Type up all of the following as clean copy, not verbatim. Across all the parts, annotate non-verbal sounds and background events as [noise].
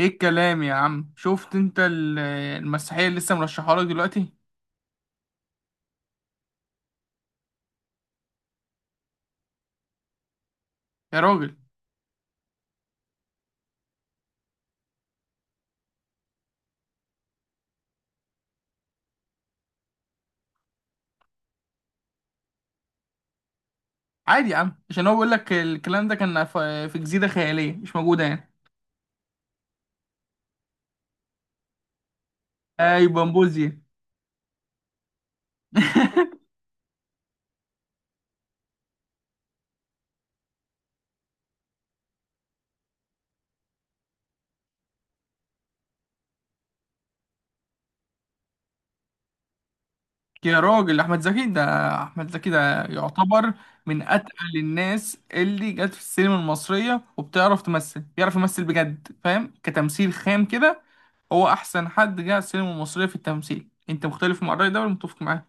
ايه الكلام يا عم؟ شفت انت المسرحيه اللي لسه مرشحها لك دلوقتي؟ يا راجل، عادي يا عم، عشان هو بيقول لك الكلام ده كان في جزيره خياليه مش موجوده يعني. اي بامبوزيا. [laughs] يا راجل، احمد زكي ده يعتبر من اتقل الناس اللي جت في السينما المصريه، وبتعرف تمثل بيعرف يمثل بجد، فاهم؟ كتمثيل خام كده. هو احسن حد جه على السينما المصريه في التمثيل. انت مختلف مع الراي ده ولا متفق معاه؟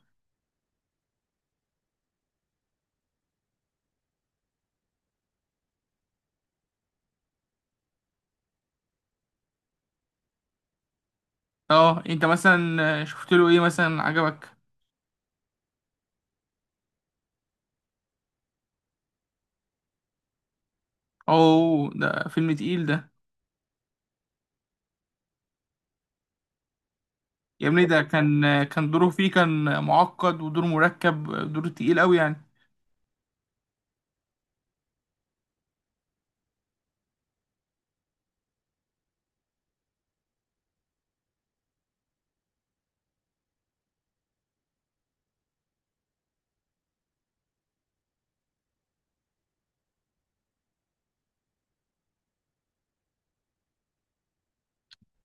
اه. انت مثلا شفت له ايه مثلا عجبك؟ اوه، ده فيلم تقيل ده. يا ابني ده كان دوره فيه كان معقد، ودور مركب، دور تقيل قوي يعني.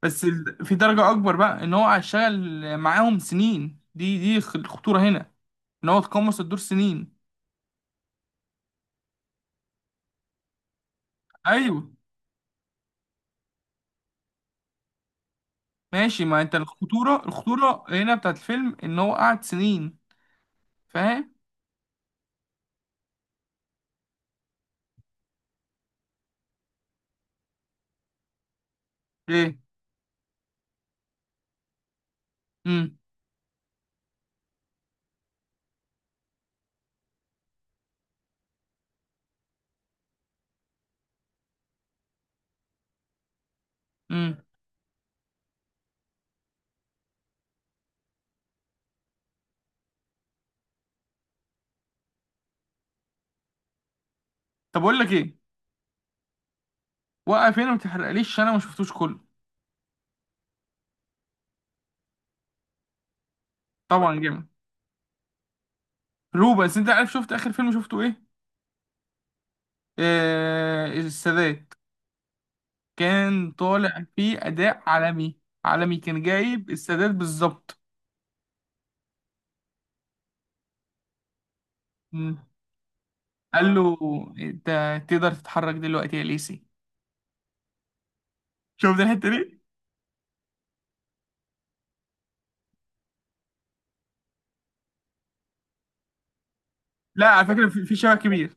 بس في درجة اكبر بقى ان هو هيشتغل معاهم سنين، دي الخطورة هنا، ان هو تقمص الدور سنين. ايوه. ماشي، ما انت الخطورة هنا بتاعت الفيلم ان هو قعد سنين. فاهم؟ ايه. امم. امم طب اقول لك ايه، وقف هنا ما تحرقليش عشان انا ما شفتوش كله. طبعا جامد. روبنز، انت عارف شفت اخر فيلم شفته ايه؟ السادات. كان طالع فيه أداء عالمي. عالمي، كان جايب السادات بالظبط. مم. قال له: أنت تقدر تتحرك دلوقتي يا ليسي. شفت الحتة دي؟ لا، على فكرة في شبه كبير.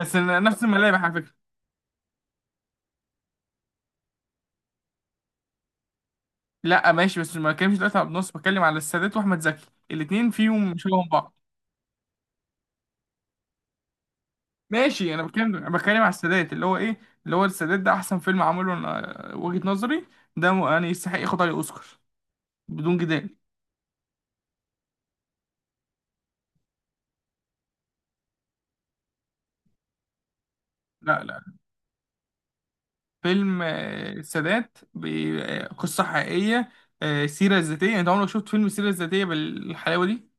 بس أنا نفس الملامح على فكرة. لا ماشي، بس ما بتكلمش دلوقتي على النص، بتكلم على السادات وأحمد زكي الاتنين فيهم شبه بعض. ماشي. أنا بتكلم على السادات، اللي هو إيه؟ اللي هو السادات ده أحسن فيلم عمله، وجهة نظري. ده يعني يستحق ياخد عليه أوسكار بدون جدال. لا لا، فيلم السادات بقصة حقيقية، سيرة ذاتية. انت عمرك شفت فيلم السيرة الذاتية بالحلاوة دي؟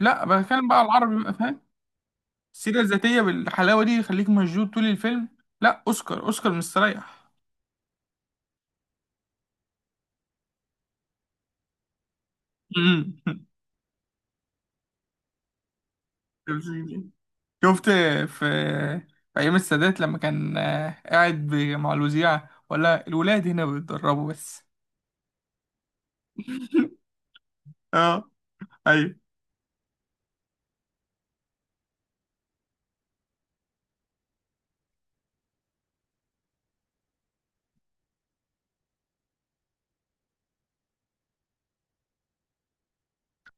لا، بتكلم بقى على العربي بقى، فاهم؟ السيرة الذاتية بالحلاوة دي يخليك مشدود طول الفيلم. لا، اوسكار اوسكار مستريح. مم. [laughs] شفت في ايام السادات لما كان قاعد مع الوزيع ولا الولاد هنا بيتدربوا بس. [laughs] اه. ايوه.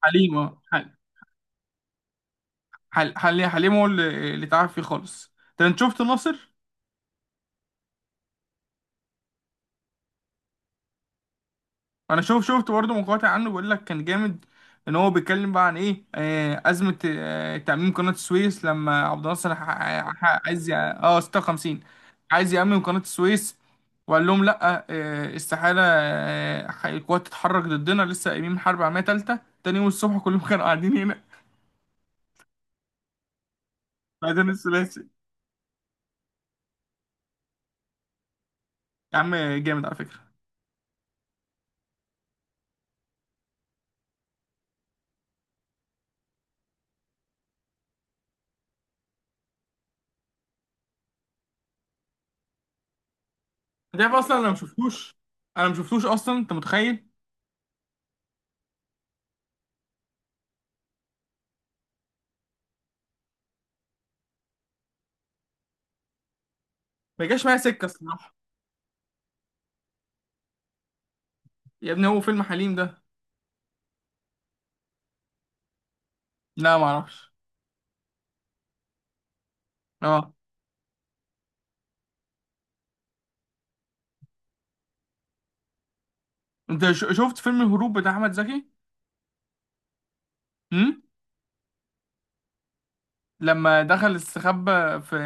حليم اه حل- حل- حل- حليم هو اللي تعب فيه خالص. طب انت شفت ناصر؟ انا شفت برضه مقاطع عنه، بيقول لك كان جامد. ان هو بيتكلم بقى عن ايه؟ ازمه، تاميم قناه السويس لما عبد الناصر ح- ح- عايز ي- اه 56 عايز يامم قناه السويس. وقال لهم لا، استحاله، القوات تتحرك ضدنا، لسه قايمين حرب عالميه ثالثه. تاني يوم الصبح كلهم كانوا قاعدين هنا. [laughs] بعدين الثلاثي. يا عم، جامد على فكره. انت عارف اصلا انا ما شفتوش اصلا، انت متخيل؟ ما جاش معايا سكه الصراحه. يا ابني هو فيلم حليم ده. لا ما اعرفش. اه. انت شفت فيلم الهروب بتاع احمد زكي؟ امم. لما دخل استخبى في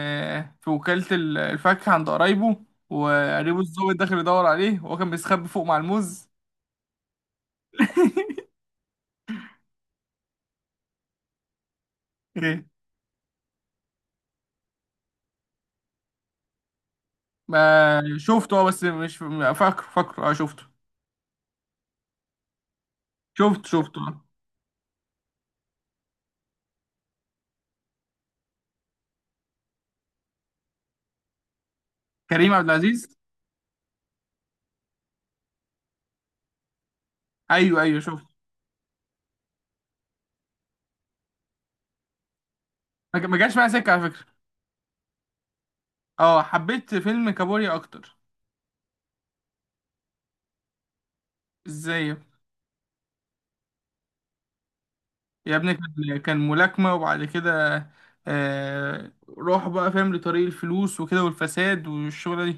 في وكالة الفاكهة عند قرايبه، وقريبه الظابط داخل يدور عليه وهو كان بيستخبى فوق مع الموز. [laughs] ايه ما شفته؟ اه، بس مش فاكره اه شفته. شفته اه. كريم عبد العزيز. ايوه، ايوه شفته. ما جاش معايا سكة على فكرة. اه، حبيت فيلم كابوريا اكتر. ازاي؟ يا ابني كان ملاكمة وبعد كده، آه روح بقى، فاهم؟ لطريق الفلوس وكده والفساد والشغلة دي.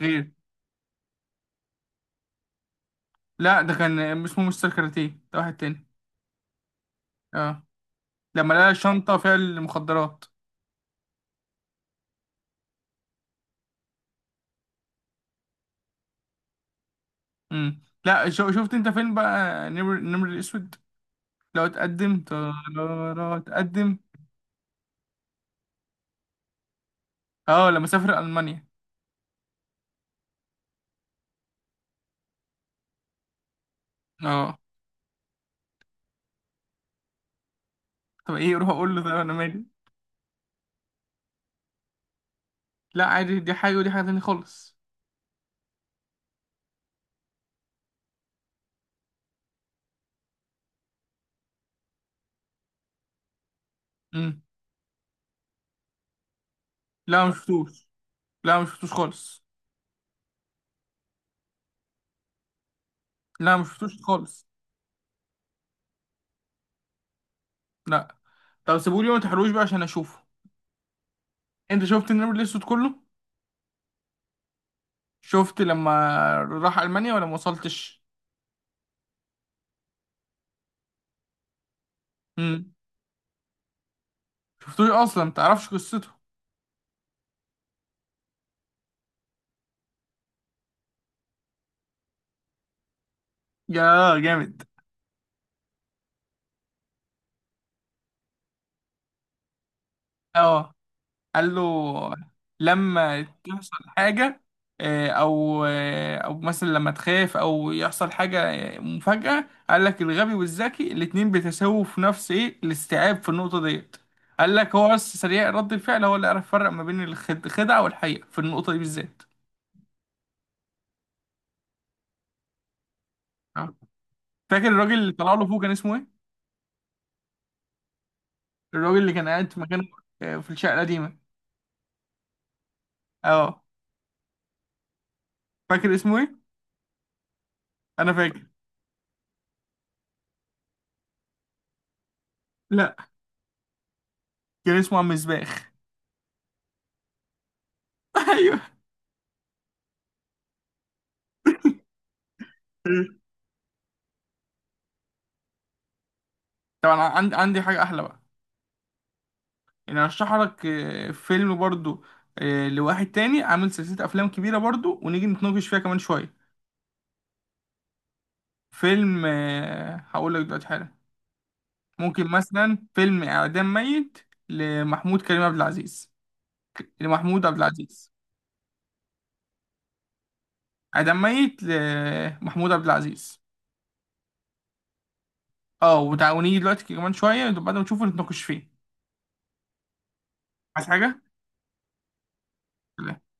غير. لا ده كان اسمه مستر كاراتيه، ده واحد تاني. اه، لما لقى شنطة فيها المخدرات. امم. لا، شفت انت فين بقى؟ نمر الاسود. لو اتقدم. لو اتقدم. اه. لما سافر المانيا. اه. طب ايه، روح اقول له طب انا مالي. لا عادي، دي حاجة ودي حاجة تانية خالص. امم. لا مشفتوش. لا مشفتوش خالص. لا مشفتوش خالص. لا. طب سيبولي وما تحرقوش بقى عشان اشوفه. انت شفت النمر الاسود كله؟ شفت لما راح المانيا ولا ما وصلتش؟ امم. شفتوش اصلا، ما تعرفش قصته. يا جامد. اه. قال له: لما تحصل حاجه، او مثلا لما تخاف او يحصل حاجه، مفاجاه، قال لك الغبي والذكي الاتنين بيتساووا في نفس ايه؟ الاستيعاب في النقطه ديت. قال لك هو بس سريع رد الفعل هو اللي عرف يفرق ما بين الخدعه والحقيقه في النقطه دي بالذات. آه. فاكر الراجل اللي طلع له فوق كان اسمه ايه؟ الراجل اللي كان قاعد في مكانه، في الشقة القديمة. اه. فاكر اسمه ايه؟ انا فاكر. لا، كان اسمه عم مسباح. [laughs] ايوه. طبعا، عندي حاجة احلى بقى. انا ارشح لك فيلم برضو، لواحد تاني عامل سلسلة افلام كبيرة برضو، ونيجي نتناقش فيها كمان شوية. فيلم هقول لك دلوقتي حالا. ممكن مثلا فيلم اعدام ميت، لمحمود كريم عبد العزيز، لمحمود عبد العزيز. اعدام ميت لمحمود عبد العزيز. اه، وتعاونيه دلوقتي كمان شويه، بعد ما نشوفه نتناقش فيه. عايز حاجه؟